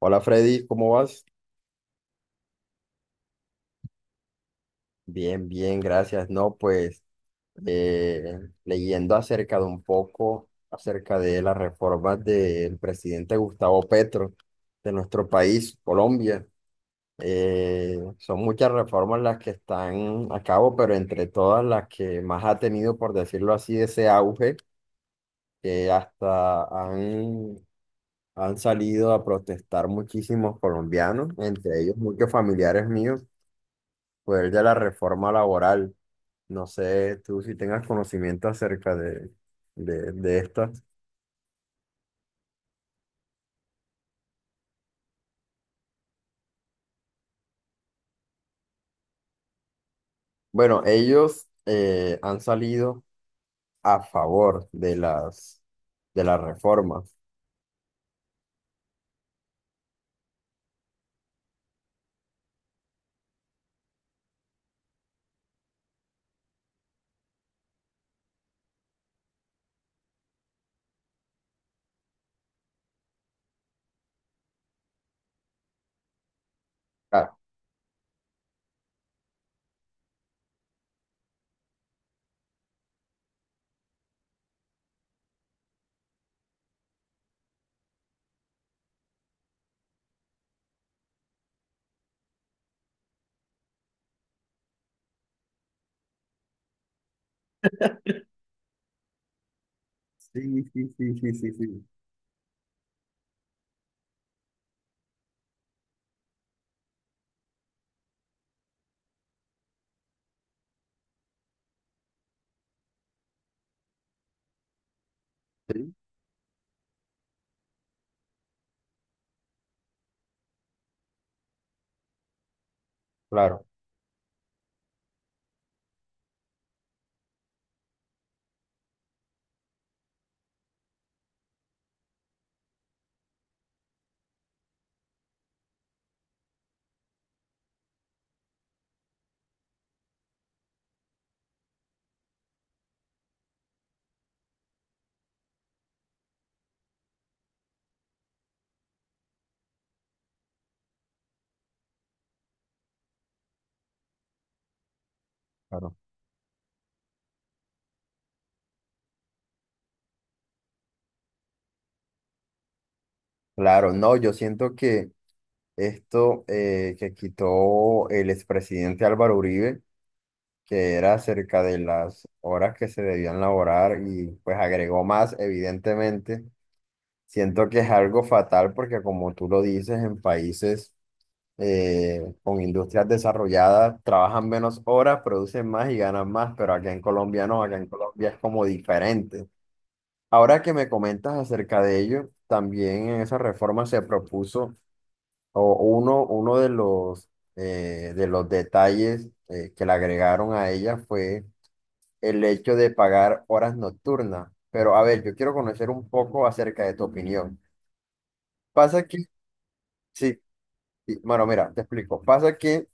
Hola Freddy, ¿cómo vas? Bien, bien, gracias. No, pues leyendo acerca de un poco, acerca de las reformas del presidente Gustavo Petro de nuestro país, Colombia. Son muchas reformas las que están a cabo, pero entre todas las que más ha tenido, por decirlo así, ese auge, que han salido a protestar muchísimos colombianos, entre ellos muchos familiares míos fue el de la reforma laboral. No sé tú si tengas conocimiento acerca de estas. Bueno, ellos han salido a favor de de las reformas. ah Sí, sí, sí, sí, sí, sí. Sí, claro, claro. Claro, no, yo siento que esto que quitó el expresidente Álvaro Uribe, que era acerca de las horas que se debían laborar y pues agregó más, evidentemente. Siento que es algo fatal porque como tú lo dices, en países con industrias desarrolladas trabajan menos horas, producen más y ganan más, pero acá en Colombia no, acá en Colombia es como diferente. Ahora que me comentas acerca de ello, también en esa reforma se propuso o uno de de los detalles que le agregaron a ella fue el hecho de pagar horas nocturnas. Pero a ver, yo quiero conocer un poco acerca de tu opinión. Pasa que... Sí, y, bueno, mira, te explico. Pasa que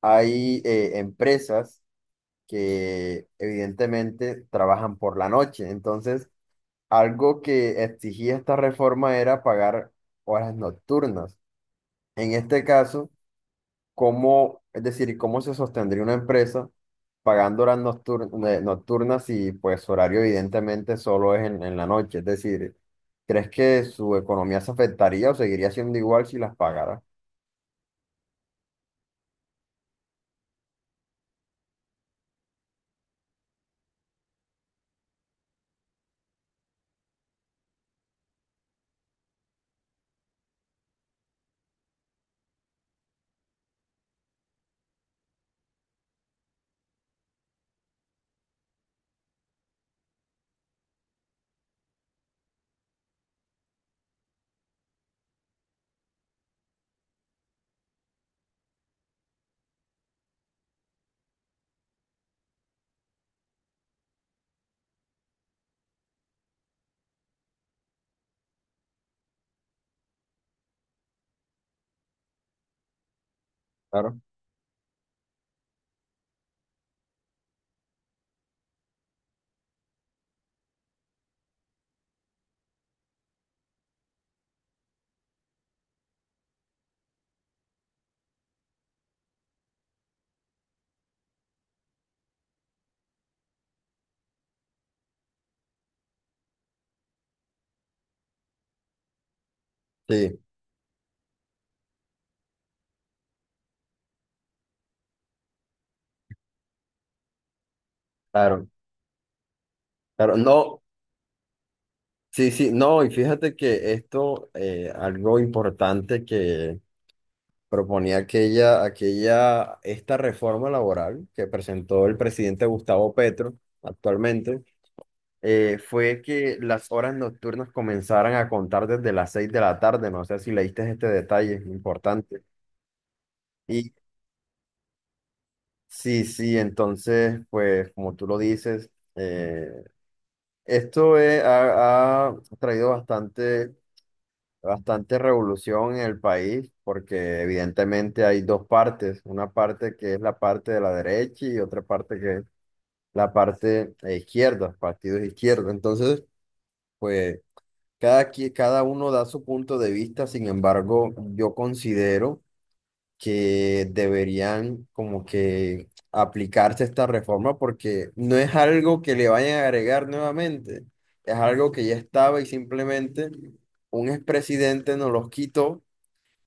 hay empresas que evidentemente trabajan por la noche. Entonces, algo que exigía esta reforma era pagar horas nocturnas. En este caso, ¿cómo, es decir, cómo se sostendría una empresa pagando nocturnas y pues su horario evidentemente solo es en la noche? Es decir, ¿crees que su economía se afectaría o seguiría siendo igual si las pagara? Claro. Sí, claro. Claro, no. Sí, sí, no, y fíjate que esto, algo importante que proponía esta reforma laboral que presentó el presidente Gustavo Petro actualmente, fue que las horas nocturnas comenzaran a contar desde las seis de la tarde, no sé si leíste este detalle, es importante. Y sí, sí, entonces, pues como tú lo dices, eh, esto ha traído bastante bastante revolución en el país porque evidentemente hay dos partes, una parte que es la parte de la derecha y otra parte que es la parte izquierda, partidos de. Entonces, pues cada uno da su punto de vista. Sin embargo, yo considero que deberían como que aplicarse esta reforma porque no es algo que le vayan a agregar nuevamente, es algo que ya estaba y simplemente un expresidente nos los quitó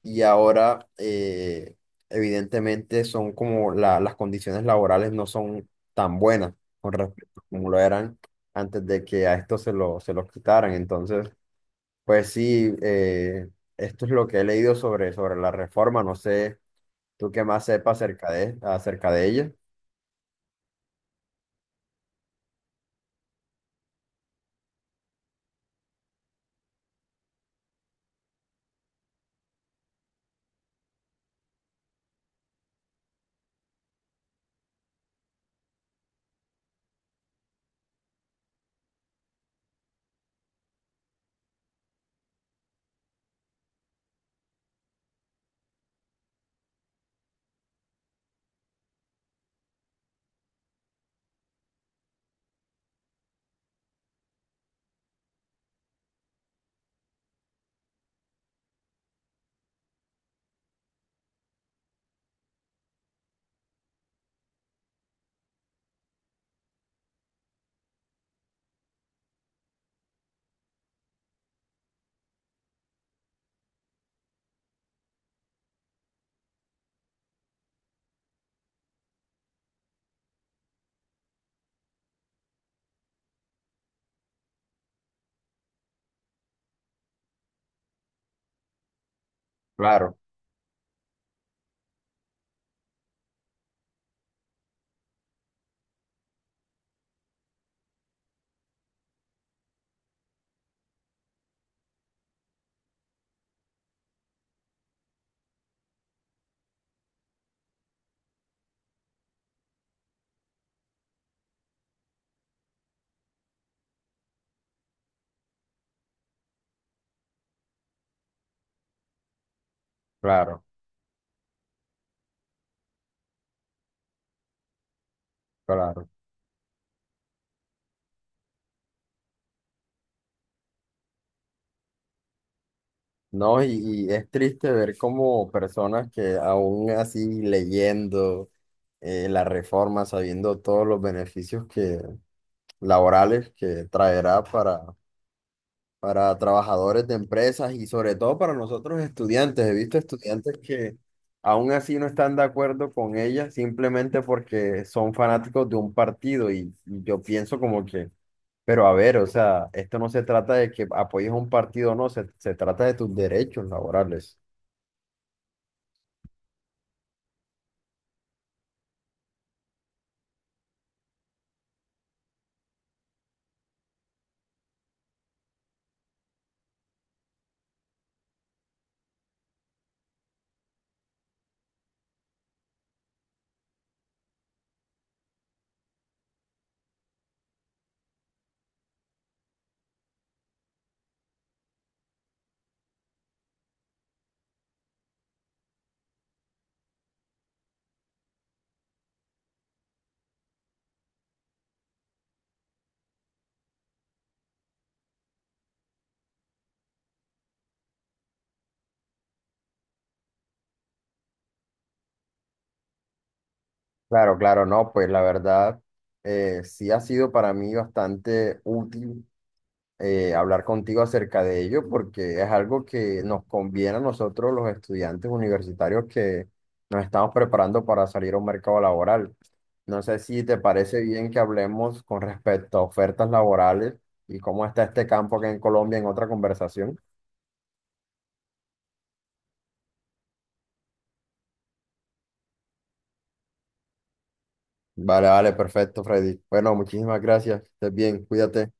y ahora evidentemente son como las condiciones laborales no son tan buenas con respecto a como lo eran antes de que a esto se los quitaran. Entonces, pues sí, esto es lo que he leído sobre la reforma. No sé tú qué más sepas acerca acerca de ella. Claro, claro, claro. No, y es triste ver como personas que aún así leyendo la reforma, sabiendo todos los beneficios laborales que traerá para trabajadores de empresas y sobre todo para nosotros estudiantes. He visto estudiantes que aún así no están de acuerdo con ella simplemente porque son fanáticos de un partido y yo pienso como que, pero a ver, o sea, esto no se trata de que apoyes a un partido o no, se trata de tus derechos laborales. Claro, claro, no, pues la verdad sí ha sido para mí bastante útil hablar contigo acerca de ello porque es algo que nos conviene a nosotros los estudiantes universitarios que nos estamos preparando para salir a un mercado laboral. No sé si te parece bien que hablemos con respecto a ofertas laborales y cómo está este campo aquí en Colombia en otra conversación. Vale, vale, perfecto, Freddy. Bueno, muchísimas gracias. Estés bien, cuídate.